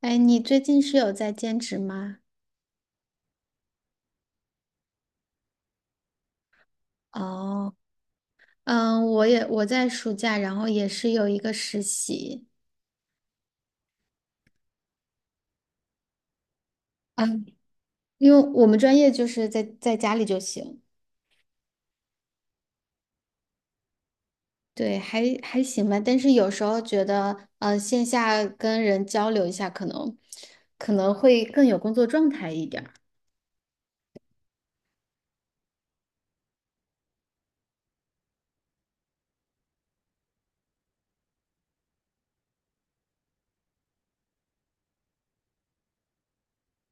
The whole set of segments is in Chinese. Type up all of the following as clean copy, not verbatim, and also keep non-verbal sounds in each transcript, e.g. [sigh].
哎，你最近是有在兼职吗？哦，嗯，我在暑假，然后也是有一个实习。嗯，因为我们专业就是在家里就行。对，还行吧。但是有时候觉得，线下跟人交流一下，可能会更有工作状态一点儿。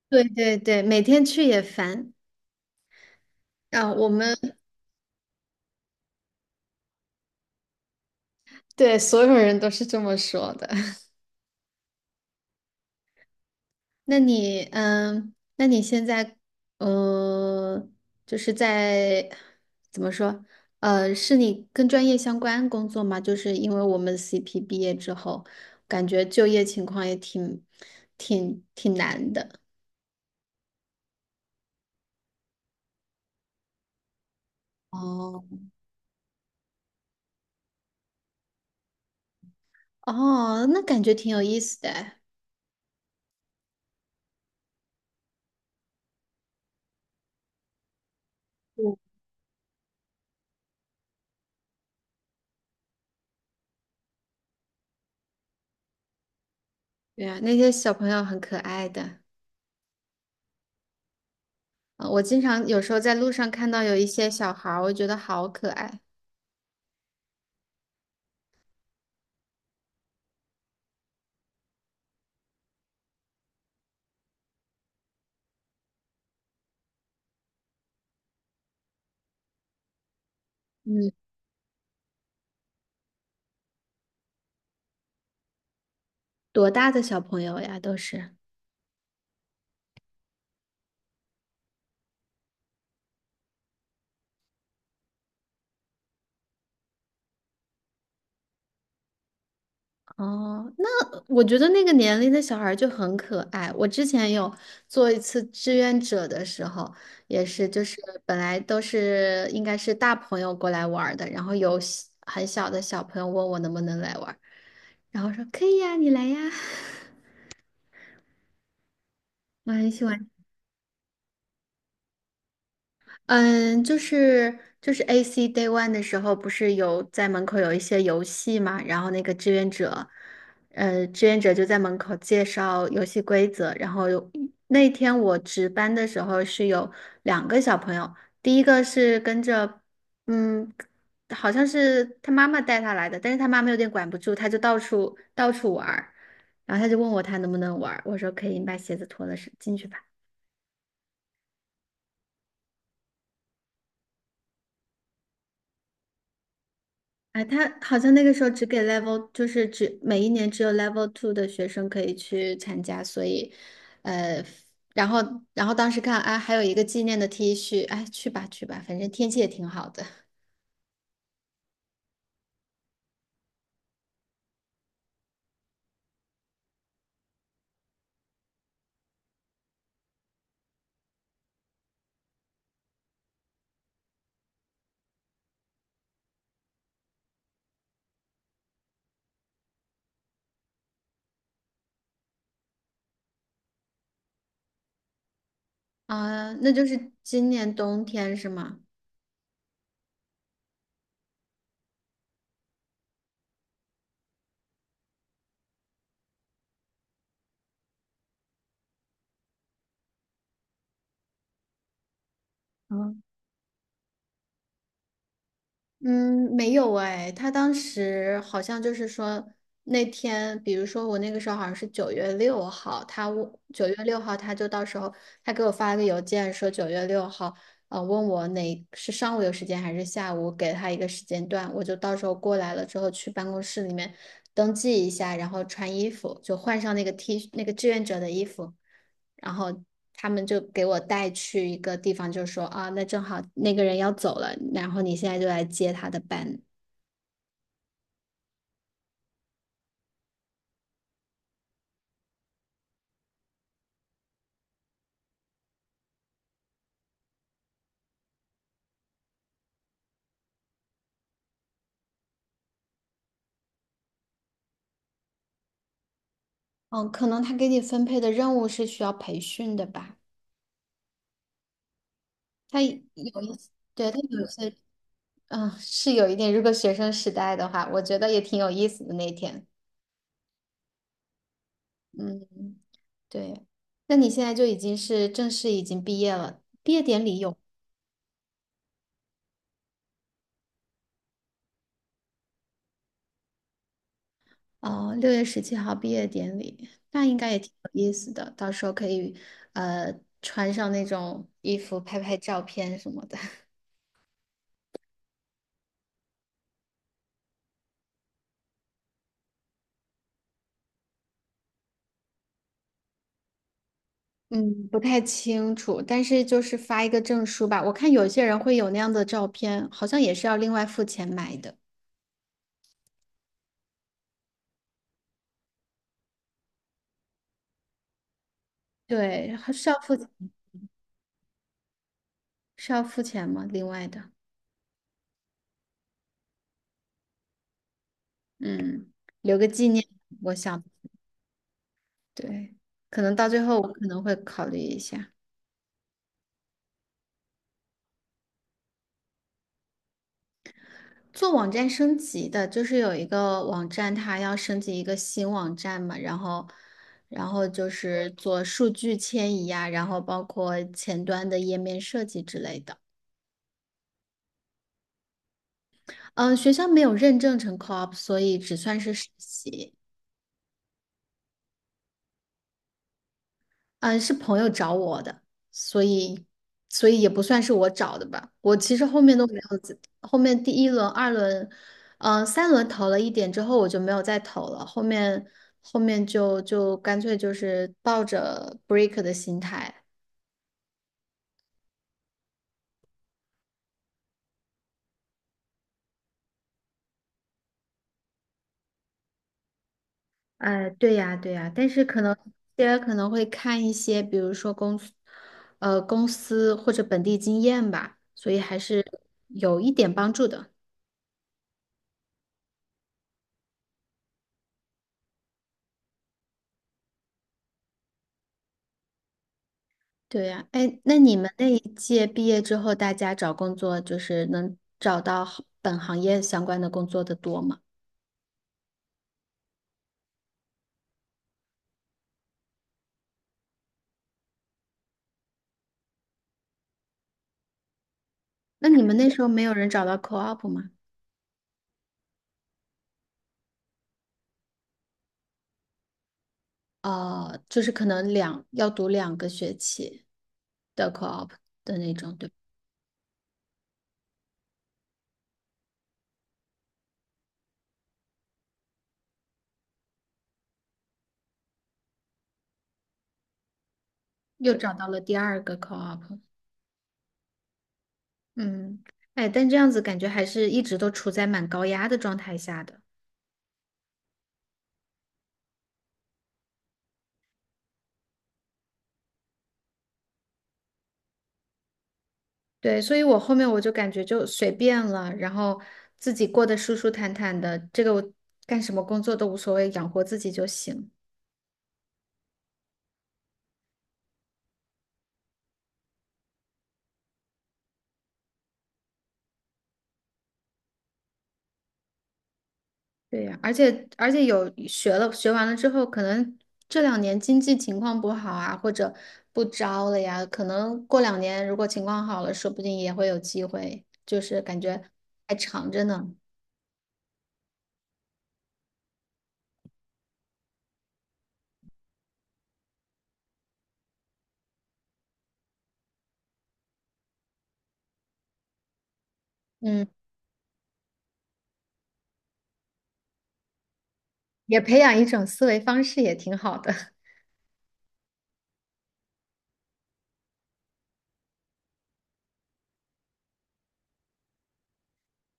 对对对，每天去也烦。啊，对所有人都是这么说的。[laughs] 那你，现在，嗯，就是怎么说，是你跟专业相关工作吗？就是因为我们 CP 毕业之后，感觉就业情况也挺难的。哦。哦，那感觉挺有意思的哎。嗯，对啊，那些小朋友很可爱的。我经常有时候在路上看到有一些小孩儿，我觉得好可爱。嗯，多大的小朋友呀，都是。哦，那我觉得那个年龄的小孩儿就很可爱。我之前有做一次志愿者的时候，也是就是本来都是应该是大朋友过来玩儿的，然后有很小的小朋友问我能不能来玩儿，然后说可以呀，你来呀。[laughs] 我很喜欢。嗯，就是 AC Day One 的时候，不是有在门口有一些游戏嘛，然后那个志愿者，志愿者就在门口介绍游戏规则。然后有那天我值班的时候是有两个小朋友，第一个是跟着，嗯，好像是他妈妈带他来的，但是他妈妈有点管不住，他就到处玩儿，然后他就问我他能不能玩儿，我说可以，你把鞋子脱了是进去吧。哎，他好像那个时候只给 level，就是只每一年只有 level two 的学生可以去参加，所以，呃，然后然后当时看，哎，还有一个纪念的 T 恤，哎，去吧去吧，反正天气也挺好的。 [laughs] 啊，那就是今年冬天是吗？嗯。嗯，没有哎，他当时好像就是说那天，比如说我那个时候好像是九月六号，九月六号就到时候他给我发了个邮件说九月六号，问我哪是上午有时间还是下午，给他一个时间段，我就到时候过来了之后去办公室里面登记一下，然后穿衣服，就换上那个 T 那个志愿者的衣服。然后他们就给我带去一个地方，就说啊，那正好那个人要走了，然后你现在就来接他的班。嗯，可能他给你分配的任务是需要培训的吧？他有一些对，他有些。嗯，是有一点。如果学生时代的话，我觉得也挺有意思的那天。嗯，对。那你现在就已经是正式已经毕业了，毕业典礼有？哦，6月17号毕业典礼，那应该也挺有意思的。到时候可以，呃，穿上那种衣服拍拍照片什么的。[laughs] 嗯，不太清楚，但是就是发一个证书吧。我看有些人会有那样的照片，好像也是要另外付钱买的。对，还是要付，是要付钱吗？另外的，嗯，留个纪念，我想，对，可能到最后我可能会考虑一下。做网站升级的，就是有一个网站，它要升级一个新网站嘛，然后，然后就是做数据迁移啊，然后包括前端的页面设计之类的。嗯，学校没有认证成 co-op，所以只算是实习。嗯，是朋友找我的，所以所以也不算是我找的吧。我其实后面都没有自后面第一轮、二轮，三轮投了一点之后，我就没有再投了。后面就干脆就是抱着 break 的心态。哎，对呀，对呀，但是可能大家可能会看一些，比如说公司，公司或者本地经验吧，所以还是有一点帮助的。对呀，哎，那你们那一届毕业之后，大家找工作就是能找到好本行业相关的工作的多吗？那你们那时候没有人找到 co-op 吗？哦，就是可能要读两个学期的 co-op 的那种，对吧，又找到了第二个 co-op。嗯，哎，但这样子感觉还是一直都处在蛮高压的状态下的。对，所以我后面我就感觉就随便了，然后自己过得舒舒坦坦的，这个我干什么工作都无所谓，养活自己就行。对呀，而且有学完了之后，可能这两年经济情况不好啊，或者不招了呀，可能过两年如果情况好了，说不定也会有机会，就是感觉还长着呢。嗯，也培养一种思维方式也挺好的。[laughs]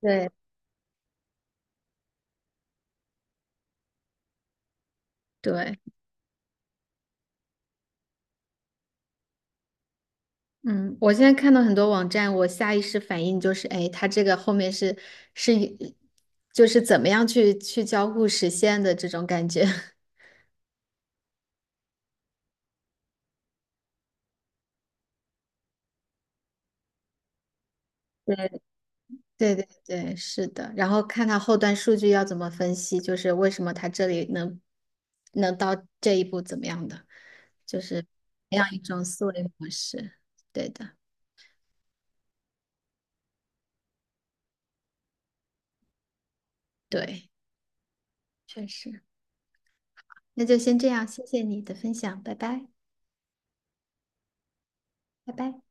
对对。嗯，我现在看到很多网站，我下意识反应就是，哎，它这个后面是一，就是怎么样去交互实现的这种感觉。[laughs] 对，对对对，是的。然后看它后端数据要怎么分析，就是为什么它这里能到这一步怎么样的，就是培养一种思维模式。对的，对，确实。那就先这样，谢谢你的分享，拜拜，拜拜。